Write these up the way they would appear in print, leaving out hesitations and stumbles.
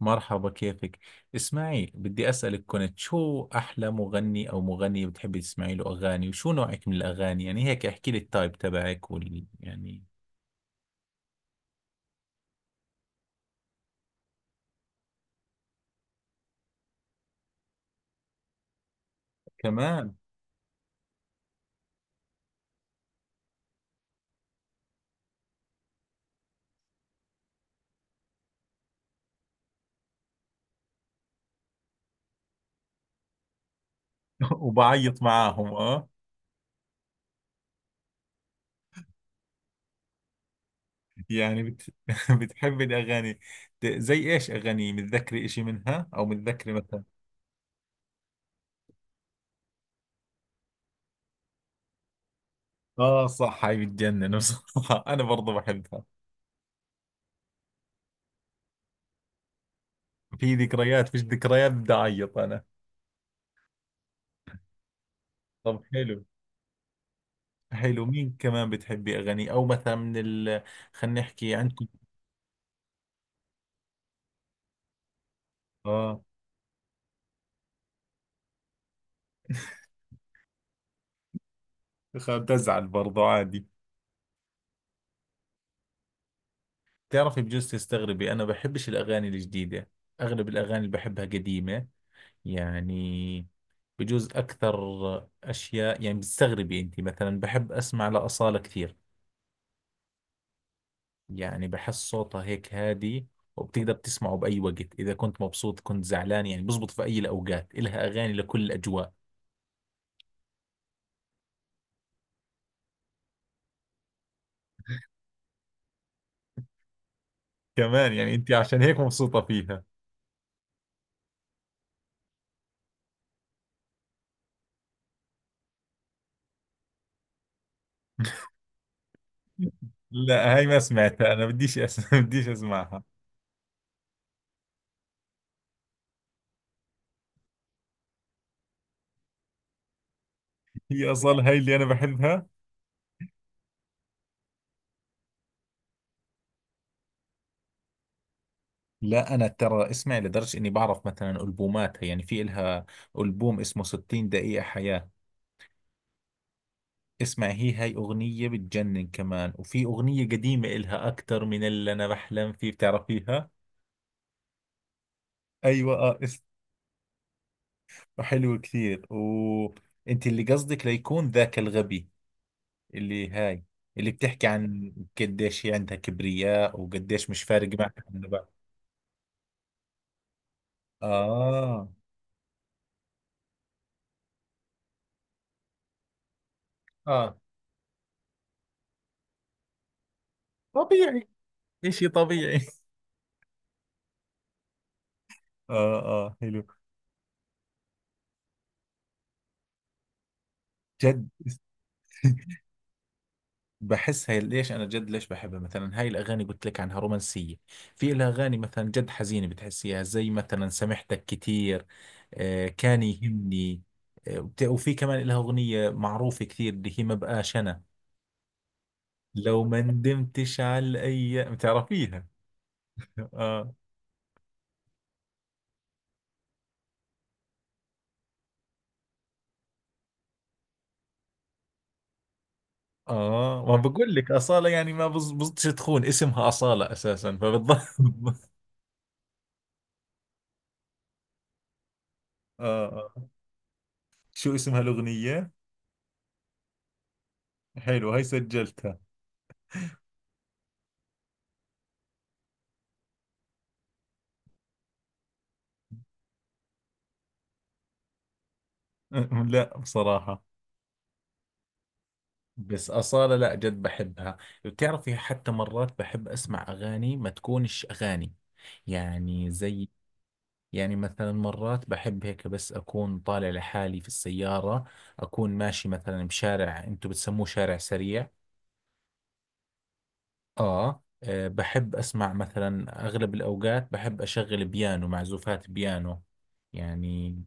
مرحبا، كيفك؟ اسمعي، بدي أسألك كنت شو أحلى مغني أو مغنية بتحبي تسمعي له أغاني؟ وشو نوعك من الأغاني؟ يعني هيك احكي لي التايب تبعك وال يعني كمان. وبعيط معاهم، اه يعني بتحبي الأغاني؟ زي إيش أغاني؟ متذكري إشي منها أو متذكري مثلا؟ آه صح، هاي بتجنن بصراحة. أنا برضو بحبها. في ذكريات، فيش ذكريات بدي أعيط أنا. طب حلو. حلو، مين كمان بتحبي أغاني؟ أو مثلا من ال، خلينا نحكي عندكم. اه. بزعل برضه عادي. تعرفي بجوز تستغربي، انا بحبش الاغاني الجديده. اغلب الاغاني اللي بحبها قديمه، يعني بجوز اكثر اشياء يعني بتستغربي انت. مثلا بحب اسمع لاصاله كثير، يعني بحس صوتها هيك هادي، وبتقدر تسمعه باي وقت، اذا كنت مبسوط كنت زعلان، يعني بزبط في اي الاوقات، الها اغاني لكل الاجواء. كمان يعني انت عشان هيك مبسوطه فيها؟ لا هاي ما سمعتها انا، بديش اسمعها. هي اصلا هاي اللي انا بحبها. لا انا ترى اسمع لدرجه اني بعرف مثلا البوماتها. يعني في الها البوم اسمه 60 دقيقه حياه. اسمع هي هاي اغنيه بتجنن كمان. وفي اغنيه قديمه الها، اكثر من اللي انا بحلم فيه، بتعرفيها؟ ايوه، حلوه كثير. وانت اللي قصدك ليكون ذاك الغبي، اللي هاي اللي بتحكي عن، قديش هي عندها كبرياء وقديش مش فارق معها. اه، اه طبيعي، اشي طبيعي. اه اه، حلو، جد. بحس هي ليش انا جد ليش بحبها، مثلا هاي الاغاني قلت لك عنها رومانسيه. في لها اغاني مثلا جد حزينه، بتحسيها زي مثلا سامحتك كثير، آه كان يهمني، وفي كمان لها اغنيه معروفه كثير، اللي هي ما بقاش انا، لو ما ندمتش على الايام، بتعرفيها؟ اه. اه ما بقول لك اصاله يعني، ما بزبطش تخون اسمها اصاله اساسا، فبتضل. اه آه. شو اسمها الاغنيه؟ حلو، هاي سجلتها. لا بصراحة بس أصالة، لا جد بحبها. بتعرفي حتى مرات بحب أسمع أغاني ما تكونش أغاني، يعني زي، يعني مثلا مرات بحب هيك، بس أكون طالع لحالي في السيارة، أكون ماشي مثلا بشارع أنتو بتسموه شارع سريع، آه آه، بحب أسمع مثلا، أغلب الأوقات بحب أشغل بيانو، معزوفات بيانو يعني.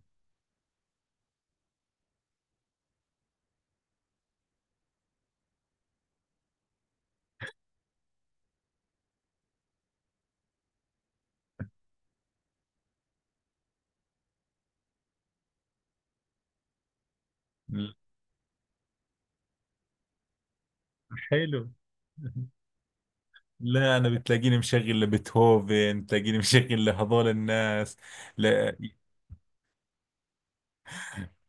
ل- حلو. لا انا بتلاقيني مشغل لبيتهوفن، تلاقيني مشغل لهذول الناس. لا،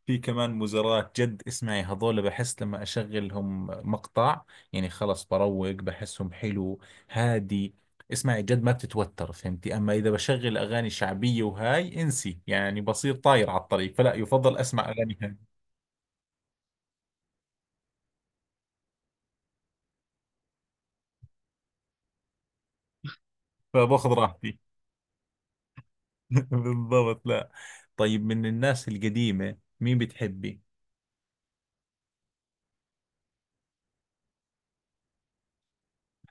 في كمان مزارات جد، اسمعي هذول بحس لما اشغلهم مقطع، يعني خلص بروق، بحسهم حلو، هادي. اسمعي جد ما بتتوتر، فهمتي؟ اما اذا بشغل اغاني شعبية وهاي، انسي يعني، بصير طاير على الطريق، فلا يفضل اسمع اغاني هاي فباخذ راحتي. بالضبط، لا. طيب من الناس القديمة مين بتحبي؟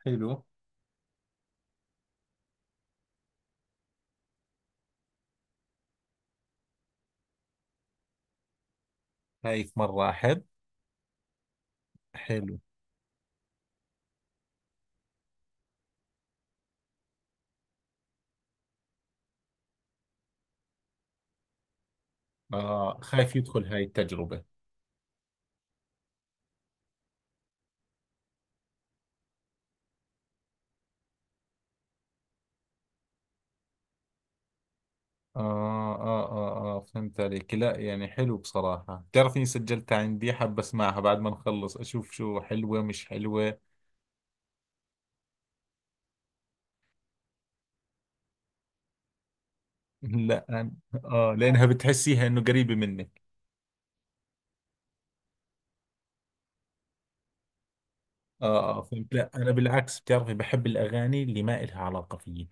حلو. شايف مرة أحب. حلو. آه خايف يدخل هاي التجربة. آه آه آه آه، فهمت عليك. لا يعني حلو بصراحة، بتعرفني سجلتها عندي، حاب أسمعها بعد ما نخلص، أشوف شو حلوة مش حلوة. لا آه لأنها بتحسيها إنه قريبة مني. اه، آه، فهمت. لا انا بالعكس، بتعرفي بحب الاغاني اللي ما إلها علاقه فيي.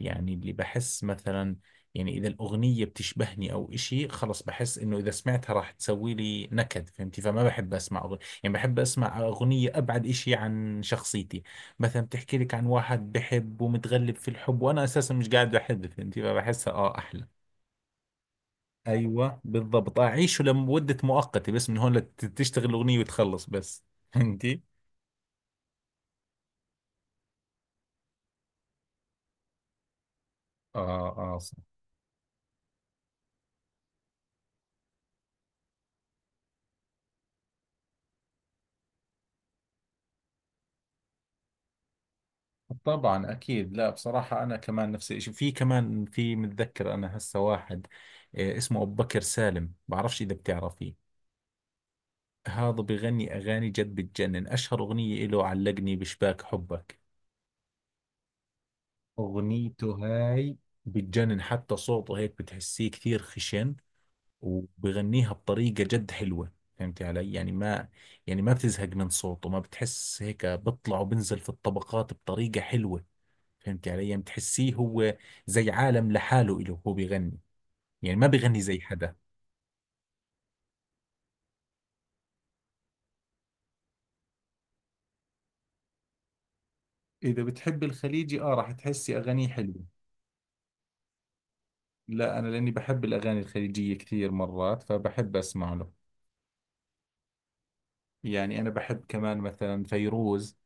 يعني اللي بحس مثلا، يعني اذا الاغنيه بتشبهني او إشي، خلص بحس انه اذا سمعتها راح تسوي لي نكد، فهمتي؟ فما بحب اسمع أغنية يعني، بحب اسمع اغنيه ابعد إشي عن شخصيتي. مثلا بتحكي لك عن واحد بحب ومتغلب في الحب، وانا اساسا مش قاعد بحب، فهمتي؟ فبحسها اه احلى. ايوه بالضبط، اعيشه لمده مؤقته بس، من هون لتشتغل الاغنيه وتخلص بس، فهمتي؟ اه اه، طبعا اكيد. لا بصراحه انا كمان نفس الشيء. في كمان، في متذكر انا هسه واحد، آه، اسمه ابو بكر سالم، بعرفش اذا بتعرفيه. هذا بغني اغاني جد بتجنن، اشهر اغنيه له علقني بشباك حبك. اغنيته هاي بتجنن، حتى صوته هيك بتحسيه كثير خشن، وبغنيها بطريقه جد حلوه. فهمتي علي يعني؟ ما يعني، ما بتزهق من صوته، ما بتحس هيك، بطلع وبنزل في الطبقات بطريقه حلوه. فهمت علي يعني؟ بتحسيه هو زي عالم لحاله إله، هو بيغني، يعني ما بيغني زي حدا. إذا بتحب الخليجي آه، راح تحسي أغانيه حلوة. لا أنا لأني بحب الأغاني الخليجية كثير مرات، فبحب أسمع له. يعني أنا بحب كمان مثلا فيروز.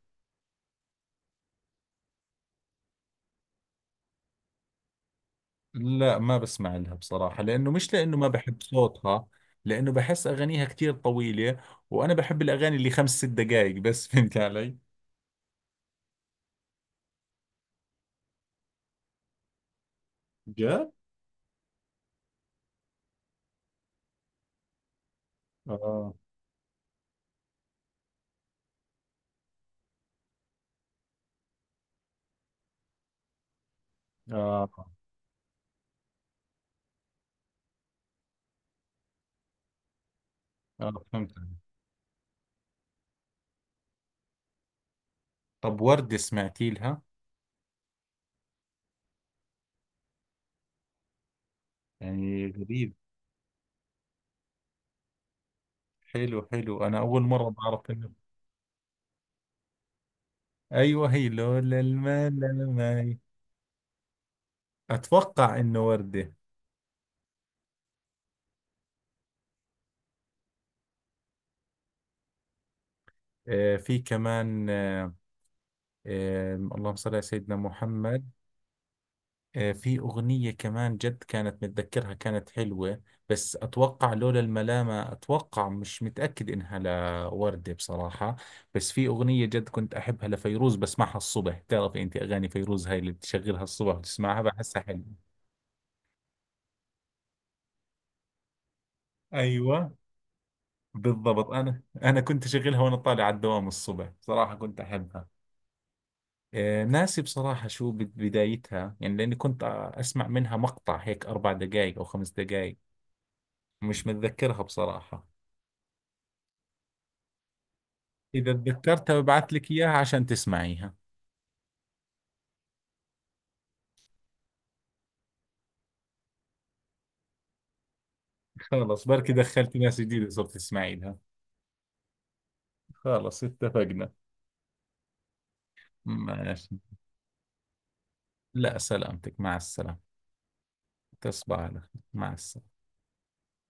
لا ما بسمع لها بصراحة، لأنه مش لأنه ما بحب صوتها، لأنه بحس أغانيها كثير طويلة، وأنا بحب الأغاني اللي 5 ست دقائق بس. فهمت علي؟ جد؟ آه آه آه، فهمت علي. طب وردة سمعتي لها؟ يعني غريب. حلو حلو، أنا أول مرة بعرف إنه، أيوة هي لولا المال لماي. أتوقع إنه وردة. آه في كمان، آه، آه اللهم صل على سيدنا محمد. آه في أغنية كمان جد كانت متذكرها، كانت حلوة، بس أتوقع لولا الملامة، أتوقع مش متأكد إنها لوردة بصراحة. بس في أغنية جد كنت أحبها لفيروز، بسمعها الصبح. تعرفي أنت أغاني فيروز هاي اللي بتشغلها الصبح وتسمعها، بحسها حلوة. ايوه بالضبط، انا كنت اشغلها وانا طالع على الدوام الصبح، صراحه كنت احبها. آه، ناسي بصراحه شو بدايتها، يعني لاني كنت آه، اسمع منها مقطع هيك، 4 دقائق او 5 دقائق. مش متذكرها بصراحه. اذا تذكرتها ببعث لك اياها عشان تسمعيها. خلص بركي دخلت ناس جديده صرت تسمعي لها. خلص اتفقنا. ماشي. لا سلامتك، مع السلامه. تصبح على خير، مع السلامه.